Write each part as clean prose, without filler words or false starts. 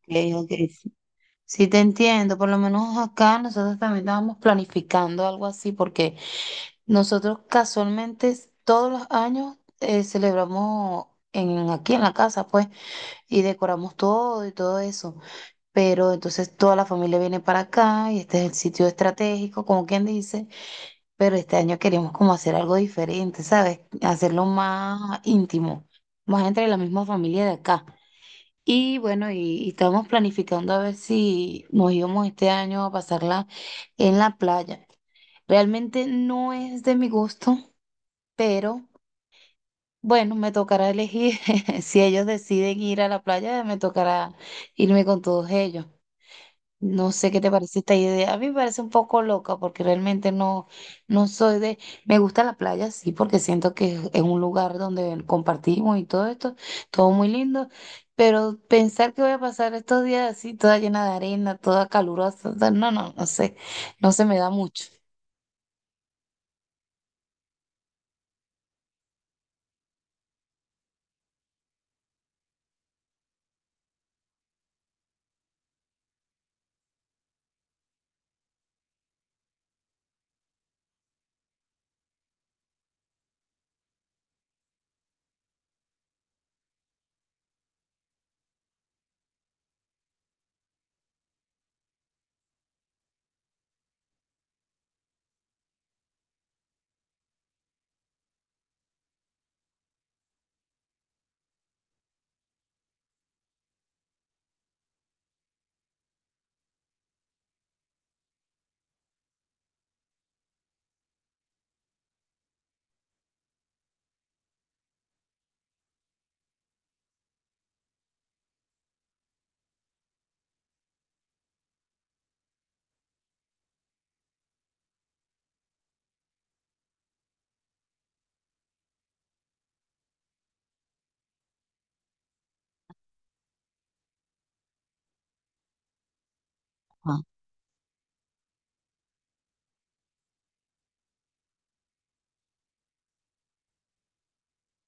Okay, ok, sí, sí te entiendo. Por lo menos acá nosotros también estábamos planificando algo así, porque nosotros casualmente todos los años celebramos aquí en la casa, pues, y decoramos todo y todo eso, pero entonces toda la familia viene para acá y este es el sitio estratégico, como quien dice. Pero este año queríamos como hacer algo diferente, ¿sabes? Hacerlo más íntimo, más entre la misma familia de acá. Y bueno, y estábamos planificando a ver si nos íbamos este año a pasarla en la playa. Realmente no es de mi gusto, pero bueno, me tocará elegir. Si ellos deciden ir a la playa, me tocará irme con todos ellos. No sé qué te parece esta idea. A mí me parece un poco loca porque realmente no, no soy de... Me gusta la playa, sí, porque siento que es un lugar donde compartimos y todo esto, todo muy lindo, pero pensar que voy a pasar estos días así, toda llena de arena, toda calurosa, o sea, no, no, no sé, no se me da mucho.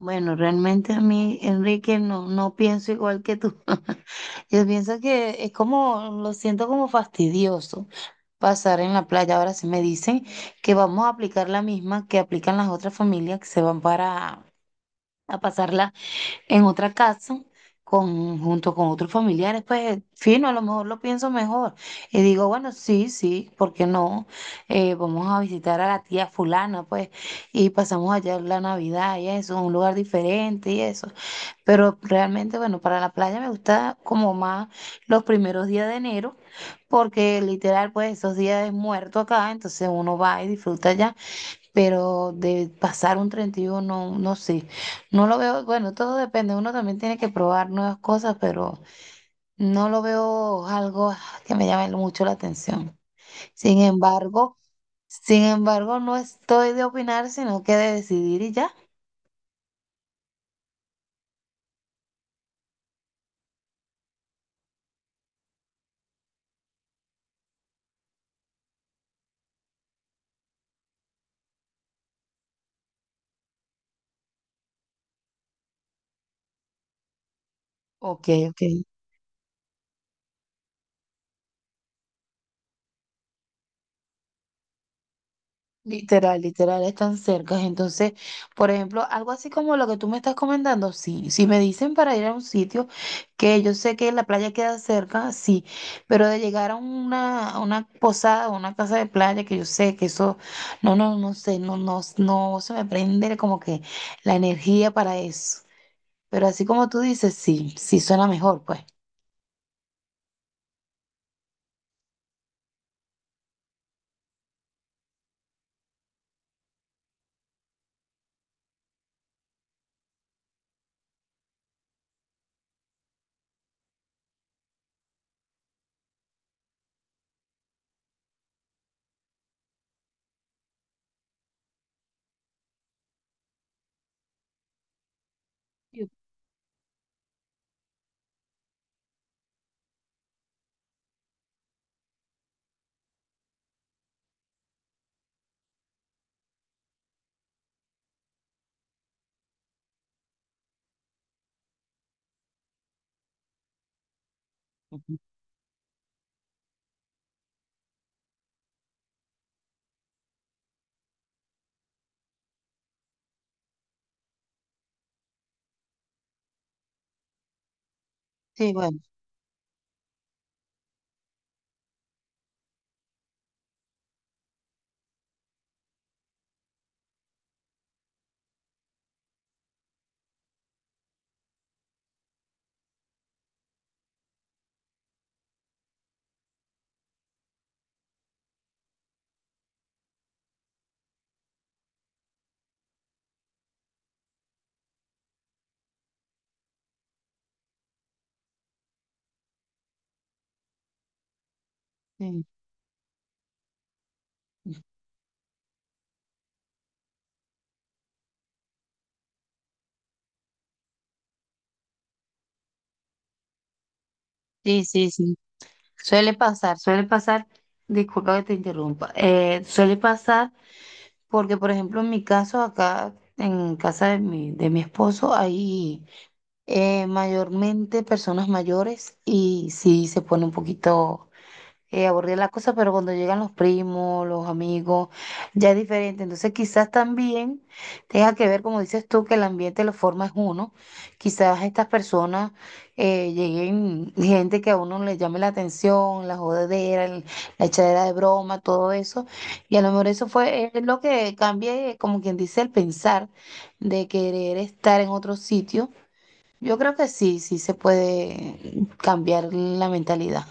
Bueno, realmente a mí, Enrique, no, no pienso igual que tú. Yo pienso que es como, lo siento como fastidioso pasar en la playa. Ahora sí me dicen que vamos a aplicar la misma que aplican las otras familias que se van para a pasarla en otra casa con, junto con otros familiares, pues fino, a lo mejor lo pienso mejor. Y digo, bueno, sí, sí, ¿por qué no? Vamos a visitar a la tía fulana, pues, y pasamos allá la Navidad y eso, un lugar diferente y eso. Pero realmente, bueno, para la playa me gusta como más los primeros días de enero, porque literal, pues esos días es muerto acá, entonces uno va y disfruta allá, pero de pasar un 31 no, no sé, no lo veo. Bueno, todo depende, uno también tiene que probar nuevas cosas, pero no lo veo algo que me llame mucho la atención. Sin embargo, no estoy de opinar, sino que de decidir y ya. Ok, ok. Literal, literal, están cerca. Entonces, por ejemplo, algo así como lo que tú me estás comentando, sí. Si me dicen para ir a un sitio que yo sé que la playa queda cerca, sí. Pero de llegar a una posada o una casa de playa que yo sé que eso, no, no, no sé, no, no, no se me prende como que la energía para eso. Pero así como tú dices, sí, sí suena mejor, pues. Sí, bueno, sí, sí, sí. Sí. Suele pasar, disculpa que te interrumpa, suele pasar porque, por ejemplo, en mi caso, acá en casa de mi esposo, hay mayormente personas mayores y sí se pone un poquito aburrida la cosa, pero cuando llegan los primos, los amigos, ya es diferente. Entonces quizás también tenga que ver, como dices tú, que el ambiente lo forma es uno. Quizás estas personas lleguen gente que a uno le llame la atención, la jodedera, la echadera de broma, todo eso. Y a lo mejor eso fue es lo que cambia, como quien dice, el pensar de querer estar en otro sitio. Yo creo que sí, sí se puede cambiar la mentalidad.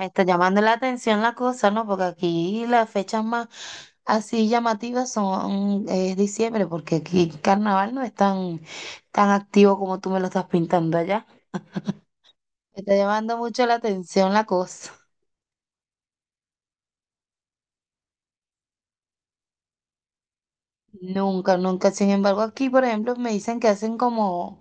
Me está llamando la atención la cosa, ¿no? Porque aquí las fechas más así llamativas son es diciembre, porque aquí carnaval no es tan, tan activo como tú me lo estás pintando allá. Me está llamando mucho la atención la cosa. Nunca, nunca. Sin embargo, aquí, por ejemplo, me dicen que hacen como,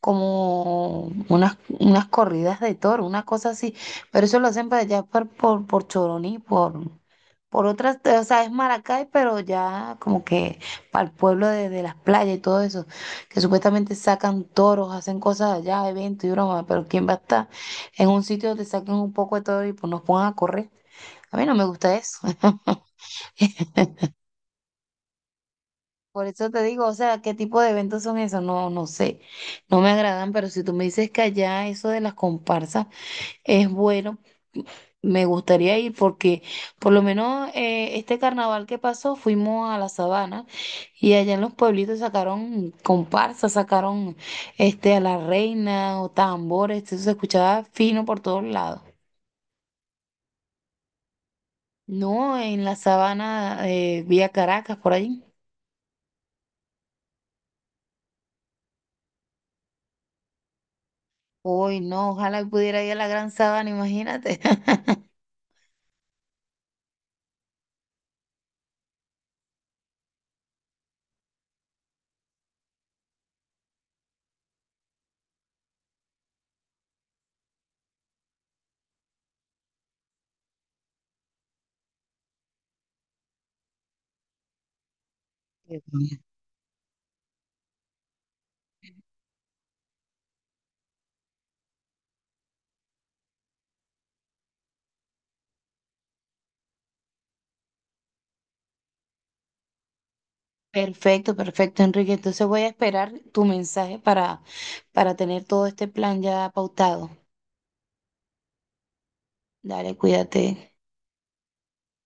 como unas, unas corridas de toro, una cosa así. Pero eso lo hacen para allá por Choroní, por otras, o sea, es Maracay, pero ya como que para el pueblo de las playas y todo eso, que supuestamente sacan toros, hacen cosas allá, eventos y broma, pero ¿quién va a estar en un sitio donde saquen un poco de todo y pues nos pongan a correr? A mí no me gusta eso. Por eso te digo, o sea, ¿qué tipo de eventos son esos? No, no sé, no me agradan, pero si tú me dices que allá eso de las comparsas es bueno, me gustaría ir porque por lo menos este carnaval que pasó fuimos a la sabana y allá en los pueblitos sacaron comparsas, sacaron este a la reina o tambores, eso se escuchaba fino por todos lados. No, en la sabana vía Caracas, por allí. Uy, no, ojalá pudiera ir a la Gran Sabana, imagínate. Perfecto, perfecto, Enrique. Entonces voy a esperar tu mensaje para tener todo este plan ya pautado. Dale, cuídate.